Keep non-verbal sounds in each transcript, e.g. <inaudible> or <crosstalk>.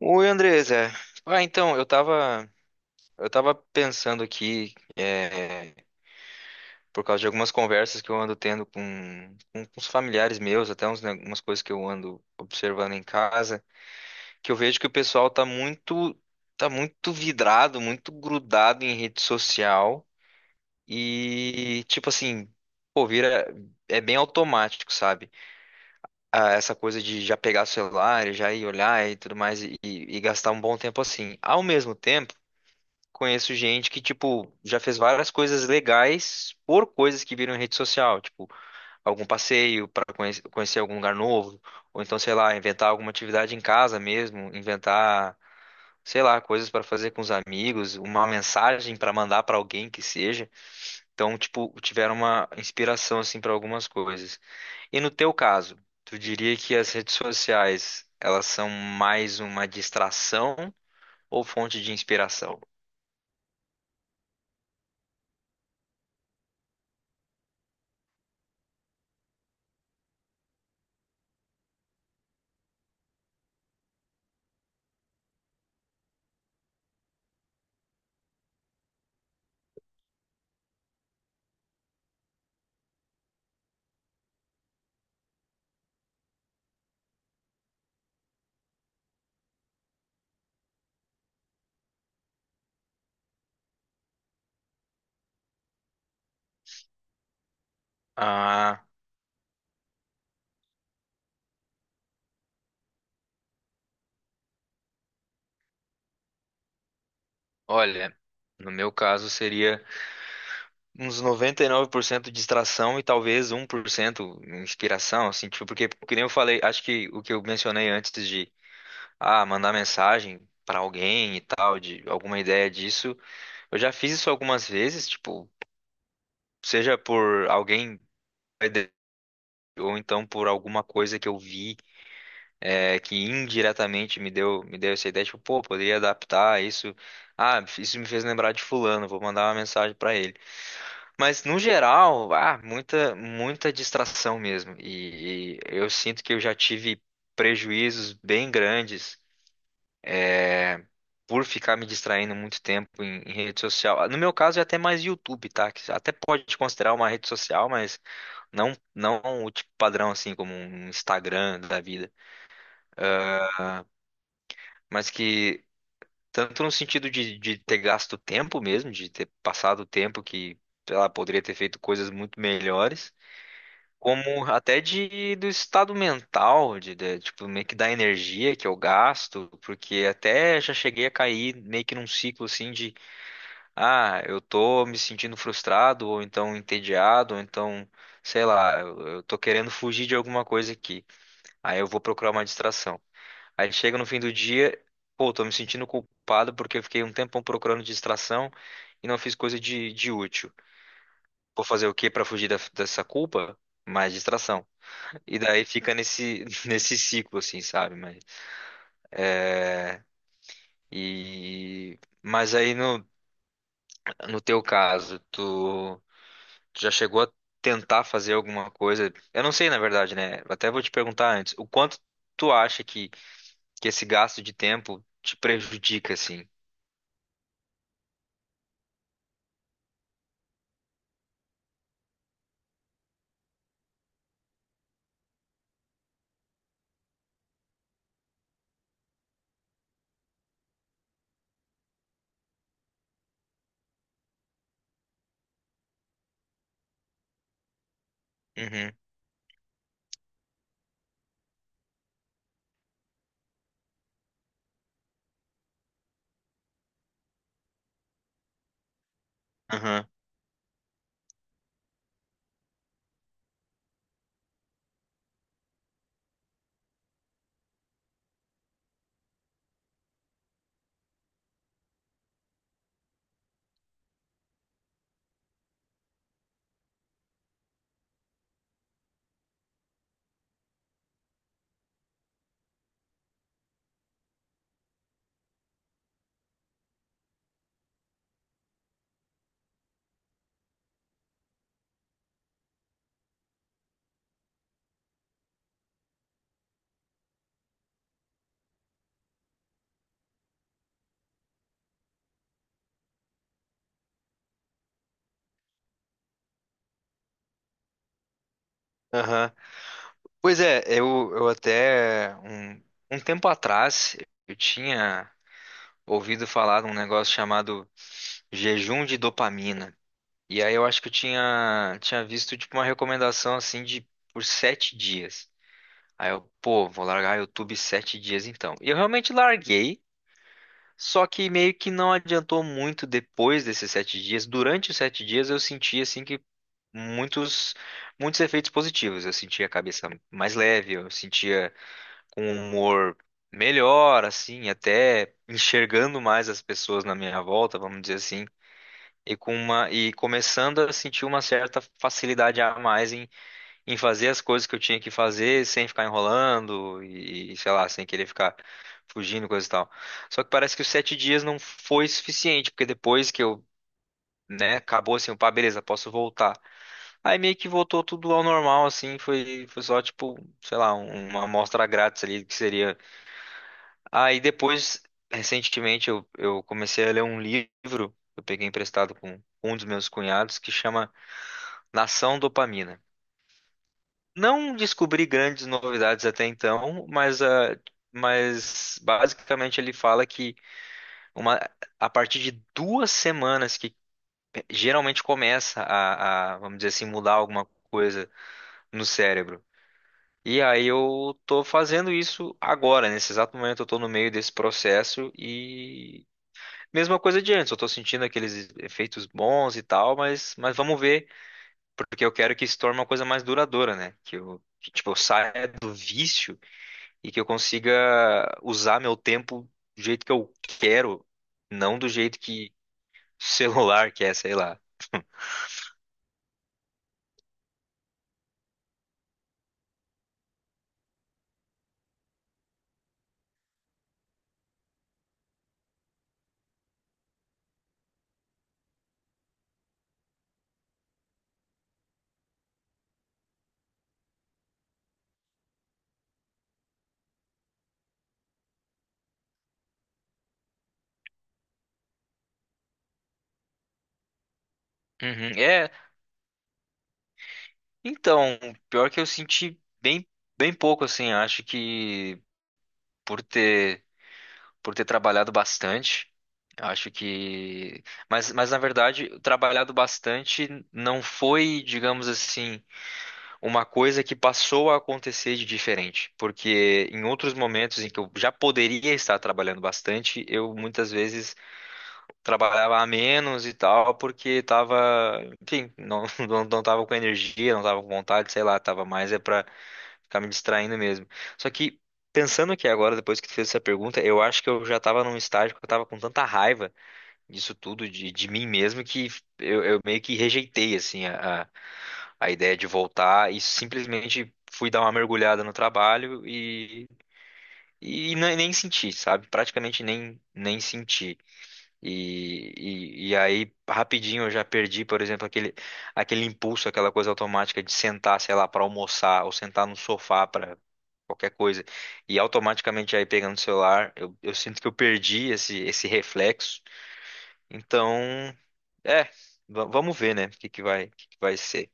Oi, Andresa. Ah, então, eu tava, eu tava pensando aqui, por causa de algumas conversas que eu ando tendo com os familiares meus, até uns, né, umas coisas que eu ando observando em casa, que eu vejo que o tá muito vidrado, muito grudado em rede social e, tipo assim, pô, vira, é bem automático, sabe? Ah, essa coisa de já pegar o celular, e já ir olhar e tudo mais e gastar um bom tempo assim. Ao mesmo tempo, conheço gente que, tipo, já fez várias coisas legais por coisas que viram em rede social, tipo, algum passeio para conhecer algum lugar novo, ou então, sei lá, inventar alguma atividade em casa mesmo, inventar, sei lá, coisas para fazer com os amigos, uma mensagem para mandar para alguém que seja. Então, tipo, tiveram uma inspiração assim para algumas coisas. E no teu caso, tu diria que as redes sociais, elas são mais uma distração ou fonte de inspiração? Ah, Olha, no meu caso seria uns 99% distração e talvez um 1% inspiração, assim, tipo, porque, que nem eu falei, acho que o que eu mencionei antes de, ah, mandar mensagem para alguém e tal, de alguma ideia disso, eu já fiz isso algumas vezes, tipo, seja por alguém ou então por alguma coisa que eu vi que indiretamente me deu essa ideia, tipo, pô, poderia adaptar isso. Ah, isso me fez lembrar de fulano, vou mandar uma mensagem para ele. Mas no geral, ah, muita distração mesmo. E eu sinto que eu já tive prejuízos bem grandes por ficar me distraindo muito tempo em rede social. Ah, no meu caso é até mais YouTube, tá? Que até pode te considerar uma rede social, mas não o tipo padrão assim como um Instagram da vida, mas que tanto no sentido de ter gasto tempo mesmo, de ter passado tempo que, sei lá, poderia ter feito coisas muito melhores como até de do estado mental, tipo meio que da energia que eu gasto, porque até já cheguei a cair meio que num ciclo assim de ah, eu tô me sentindo frustrado ou então entediado, ou então sei lá, eu tô querendo fugir de alguma coisa aqui. Aí eu vou procurar uma distração. Aí chega no fim do dia, pô, tô me sentindo culpado porque eu fiquei um tempão procurando distração e não fiz coisa de útil. Vou fazer o quê para fugir da- dessa culpa? Mais distração. E daí fica nesse, <laughs> nesse ciclo, assim, sabe? Mas aí no teu caso, tu, tu já chegou a tentar fazer alguma coisa? Eu não sei, na verdade, né? Até vou te perguntar antes, o quanto tu acha que esse gasto de tempo te prejudica, assim? Uhum, aham, aham. Pois é, eu até um tempo atrás eu tinha ouvido falar de um negócio chamado jejum de dopamina. E aí eu acho que eu tinha visto tipo uma recomendação assim de por sete dias. Aí eu, pô, vou largar YouTube sete dias então. E eu realmente larguei, só que meio que não adiantou muito depois desses sete dias. Durante os sete dias eu senti assim que muitos, muitos efeitos positivos. Eu sentia a cabeça mais leve, eu sentia com um humor melhor, assim, até enxergando mais as pessoas na minha volta, vamos dizer assim e com uma e começando a sentir uma certa facilidade a mais em fazer as coisas que eu tinha que fazer sem ficar enrolando e sei lá, sem querer ficar fugindo, coisa e tal. Só que parece que os sete dias não foi suficiente, porque depois que eu, né, acabou assim, pá, beleza, posso voltar. Aí meio que voltou tudo ao normal, assim, foi só tipo, sei lá, um- uma amostra grátis ali que seria. Aí depois, recentemente, eu comecei a ler um livro, que eu peguei emprestado com um dos meus cunhados, que chama Nação Dopamina. Não descobri grandes novidades até então, mas, ah, mas basicamente ele fala que uma, a partir de duas semanas que geralmente começa vamos dizer assim, mudar alguma coisa no cérebro. E aí eu tô fazendo isso agora, nesse exato momento eu tô no meio desse processo e mesma coisa de antes, eu tô sentindo aqueles efeitos bons e tal, mas vamos ver porque eu quero que isso torne uma coisa mais duradoura, né? Que eu, que, tipo, eu saia do vício e que eu consiga usar meu tempo do jeito que eu quero, não do jeito que o celular <laughs> quer, sei lá. Uhum. É, então, pior que eu senti bem, bem pouco, assim, acho que por ter, por ter trabalhado bastante, acho que, mas na verdade, trabalhado bastante não foi, digamos assim, uma coisa que passou a acontecer de diferente, porque em outros momentos em que eu já poderia estar trabalhando bastante, eu muitas vezes trabalhava a menos e tal, porque estava, enfim, não, <laughs> não tava com energia, não tava com vontade, sei lá, tava mais é para ficar me distraindo mesmo. Só que pensando aqui agora, depois que tu fez essa pergunta, eu acho que eu já estava num estágio que eu estava com tanta raiva disso tudo, de mim mesmo, que eu meio que rejeitei, assim, a ideia de voltar e simplesmente fui dar uma mergulhada no trabalho e ne- nem senti, sabe? Praticamente nem senti. E, e aí, rapidinho, eu já perdi, por exemplo, aquele, aquele impulso, aquela coisa automática de sentar, sei lá, para almoçar ou sentar no sofá para qualquer coisa. E automaticamente aí pegando o celular, eu sinto que eu perdi esse, esse reflexo. Então, é, va- vamos ver, né? O que que vai, o que que vai ser.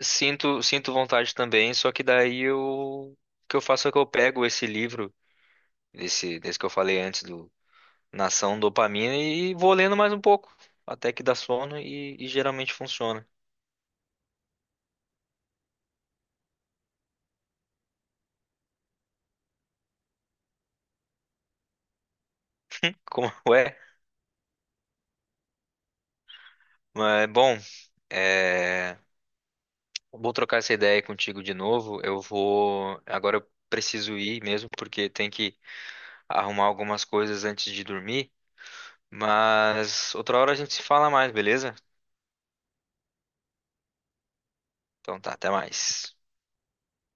Sinto, sinto vontade também, só que daí eu, o que eu faço é que eu pego esse livro, esse, desse que eu falei antes, do Nação Dopamina, e vou lendo mais um pouco, até que dá sono e geralmente funciona. Como <laughs> é? Mas, bom, é, vou trocar essa ideia contigo de novo. Eu vou. Agora eu preciso ir mesmo, porque tem que arrumar algumas coisas antes de dormir, mas outra hora a gente se fala mais, beleza? Então tá, até mais.